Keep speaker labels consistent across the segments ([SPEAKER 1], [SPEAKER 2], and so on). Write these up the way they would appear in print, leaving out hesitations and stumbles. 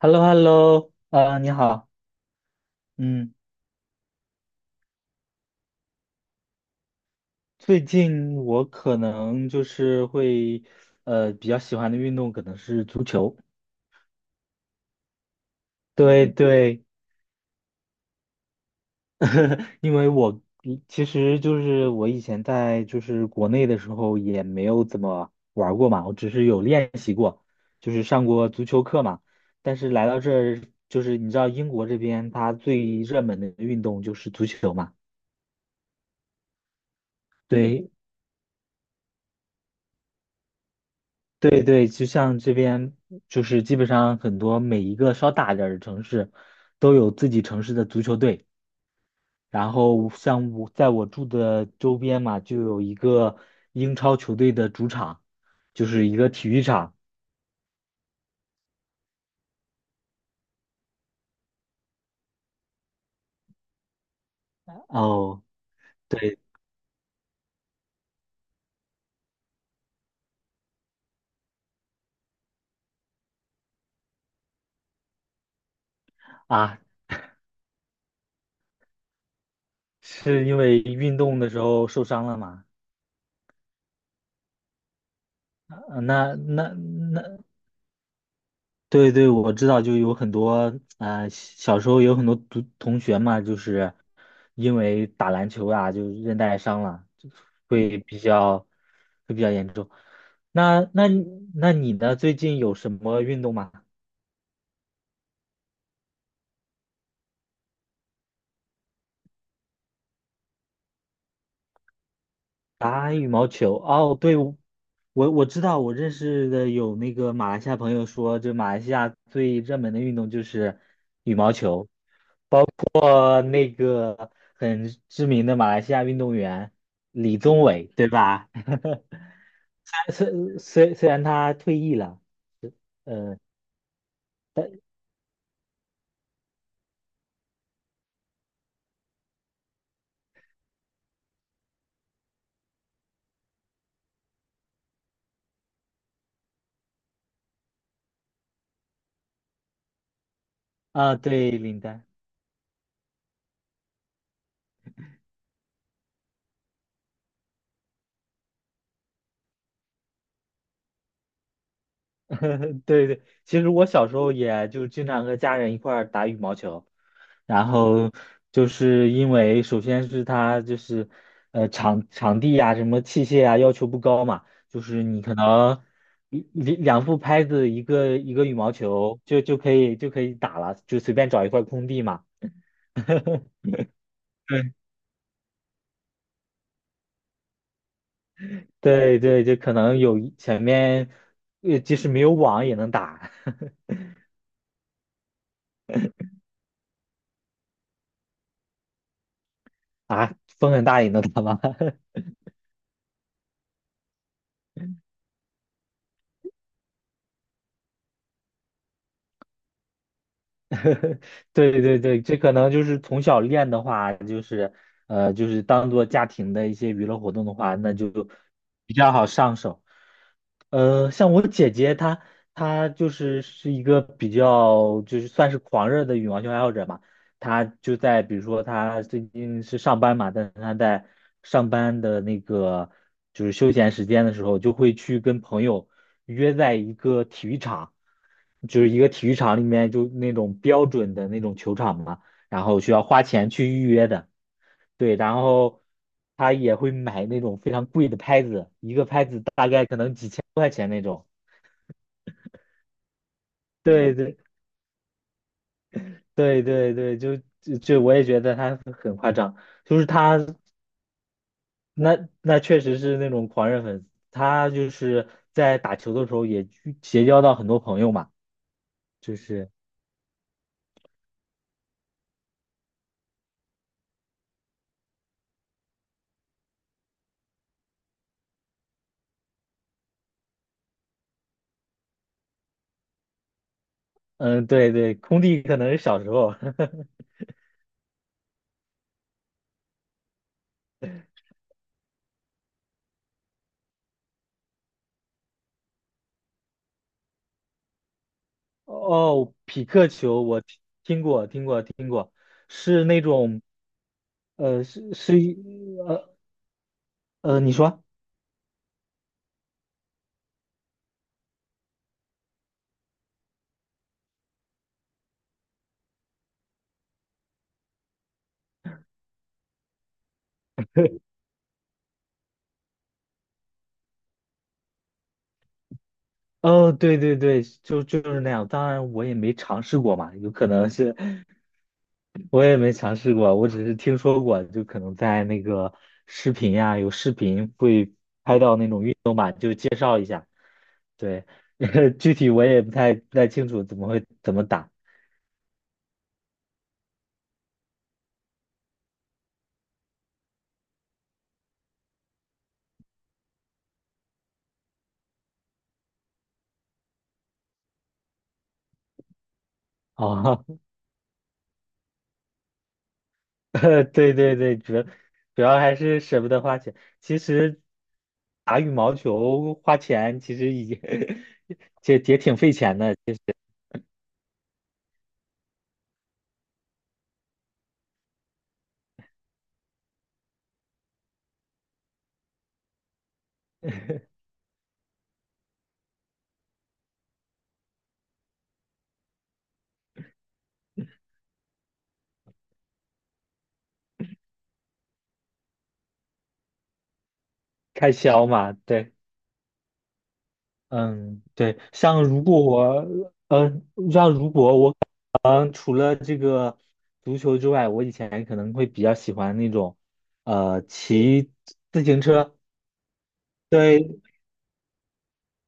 [SPEAKER 1] h e l l o h e l l o 呃，你好，嗯，最近我可能就是会，比较喜欢的运动可能是足球，对对，因为我其实就是我以前在就是国内的时候也没有怎么玩儿过嘛，我只是有练习过，就是上过足球课嘛，但是来到这儿，就是你知道英国这边它最热门的运动就是足球嘛。嗯对，对对，就像这边，就是基本上很多每一个稍大点儿的城市，都有自己城市的足球队。然后像我在我住的周边嘛，就有一个英超球队的主场，就是一个体育场。哦，对啊，是因为运动的时候受伤了嘛？呃那那那对对，我知道，就有很多小时候有很多同学嘛，就是因为打篮球啊，就韧带伤了，就会比较严重。那那你那你呢？最近有什么运动吗？打羽毛球？哦，对，我知道，我认识的有那个马来西亚朋友说，就马来西亚最热门的运动就是羽毛球。过那个很知名的马来西亚运动员李宗伟，对吧？虽然他退役了，呃，但啊，对，林丹，对对，其实我小时候也就经常和家人一块儿打羽毛球。然后就是因为首先是它就是场地呀、什么器械啊要求不高嘛，就是你可能一两副拍子一个羽毛球就可以打了，就随便找一块空地嘛。对，对对，就可能有一前面即使没有网也能打 啊，风很大也能打吗？对对对，这可能就是从小练的话，就是当做家庭的一些娱乐活动的话，那就比较好上手。呃，像我姐姐她，她就是一个比较就是算是狂热的羽毛球爱好者嘛。她就在比如说她最近是上班嘛，但是她在上班的那个就是休闲时间的时候，就会去跟朋友约在一个体育场，就是一个体育场里面就那种标准的那种球场嘛，然后需要花钱去预约的。对，然后她也会买那种非常贵的拍子，一个拍子大概可能几千。对对对对对，就我也觉得他很夸张，就是他确实是那种狂热粉丝，他就是在打球的时候也去结交到很多朋友嘛，就是嗯对对，空地可能是小时候 哦，匹克球我听过听过听过，是那种呃是是一呃你说哦对对对，就是那样，当然我也没尝试过嘛，有可能是。我也没尝试过，我只是听说过，就可能在那个视频呀、有视频会，对，具体我也不太清楚怎么会怎么打啊？对对对，主要还是舍不得花钱。其实打羽毛球花钱其实已经 也挺费钱的，开销嘛，对。像如果我，嗯，除了这个足球之外，我以前可能会比较喜欢那种，呃，骑自行车，对，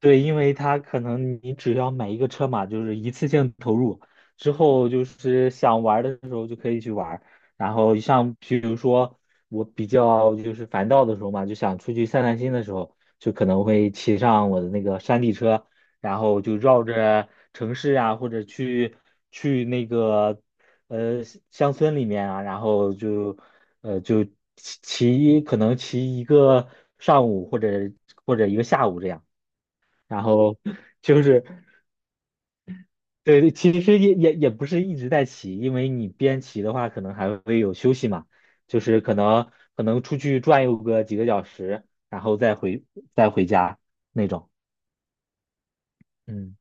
[SPEAKER 1] 对，因为它可能你只要买一个车嘛，就是一次性投入，之后就是想玩儿的时候就可以去玩儿然后像比如说我比较就是烦躁的时候嘛，就想出去散散心的时候，就可能会骑上我的那个山地车，然后就绕着城市啊，或者去那个呃乡村里面啊，然后就骑骑可能骑一个上午或者一个下午这样。然后就是对，其实也不是一直在骑，因为你边骑的话，可能还会有休息嘛，就是可能出去转悠个几个小时，然后再回家那种。嗯，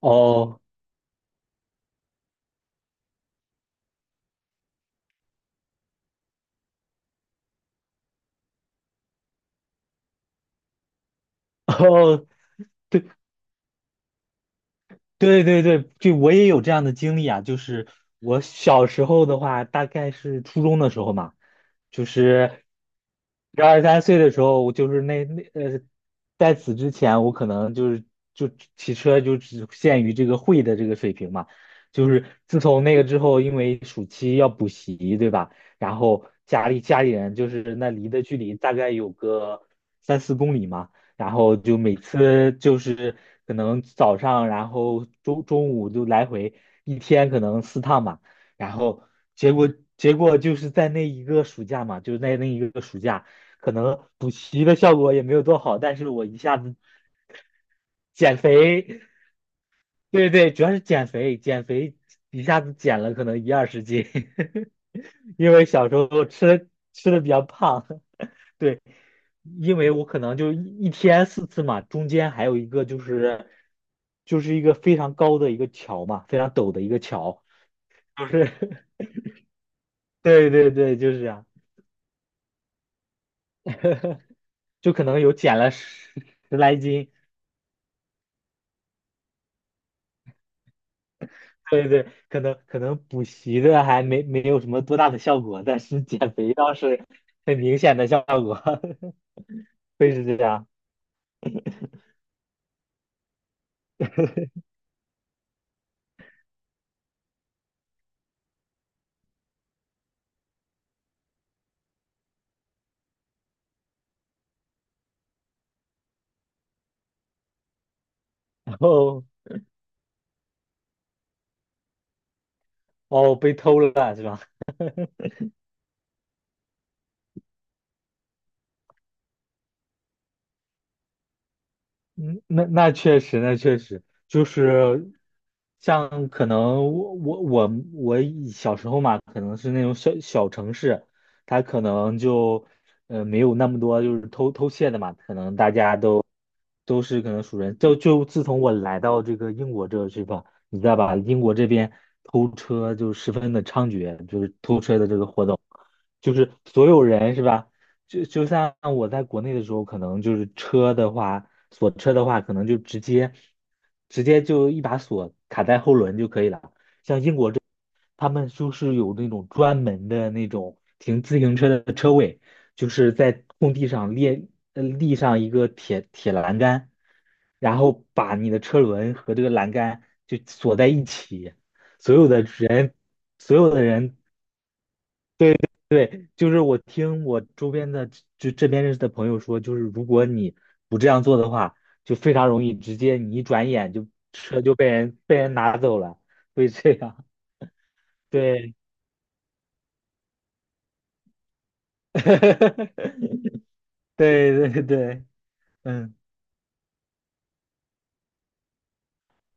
[SPEAKER 1] 哦 哦，对对对，就我也有这样的经历啊，就是我小时候的话，大概是初中的时候嘛，就是十二三岁的时候，我就是那那呃，在此之前，我可能就是就骑车就只限于这个会的这个水平嘛，就是自从那个之后，因为暑期要补习，对吧？然后家里人就是那离的距离大概有个三四公里嘛。然后就每次就是可能早上，然后中午就来回一天可能四趟嘛，然后结果结果就是在那一个暑假嘛，就是在那一个暑假，可能补习的效果也没有多好，但是我一下子减肥，对对，主要是减肥，减肥一下子减了可能一二十斤，因为小时候吃的比较胖，对，因为我可能就一天四次嘛，中间还有一个就是一个非常高的一个桥嘛，非常陡的一个桥，就是 对对对，就是这样，就可能有减了十来斤，对对，可能补习的还没有什么多大的效果，但是减肥倒是很明显的效果，会是这样，然后哦被偷了是吧？嗯，那那确实，那确实就是像可能我以小时候嘛，可能是那种小小城市，它可能就没有那么多就是偷窃的嘛，可能大家都都是可能熟人。就自从我来到这个英国这个地方，你知道吧？英国这边偷车就十分的猖獗，就是偷车的这个活动，就是所有人是吧？就像我在国内的时候，可能就是车的话，锁车的话，可能就直接就一把锁卡在后轮就可以了。他们就是有那种专门的那种停自行车的车位，就是在空地上立上一个铁栏杆，然后把你的车轮和这个栏杆就锁在一起，所有的人所有的人对对，就是我听我周边的就这边认识的朋友说，就是如果你不这样做的话，就非常容易直接你一转眼就车就被人拿走了，会这样。对，对对对，嗯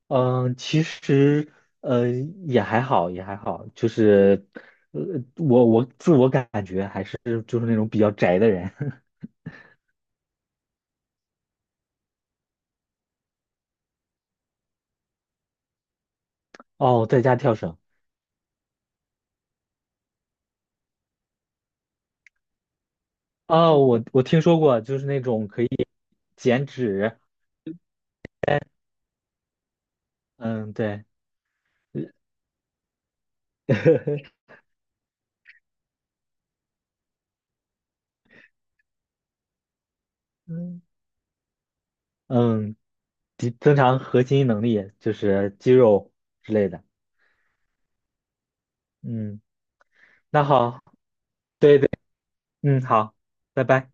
[SPEAKER 1] 嗯，其实呃也还好，也还好，就是呃我我自我感觉还是就是那种比较宅的人。哦，在家跳绳。啊，我我听说过，就是那种可以减脂，嗯，对，嗯嗯，提增强核心能力，就是肌肉之类的。嗯，那好，嗯，好，拜拜。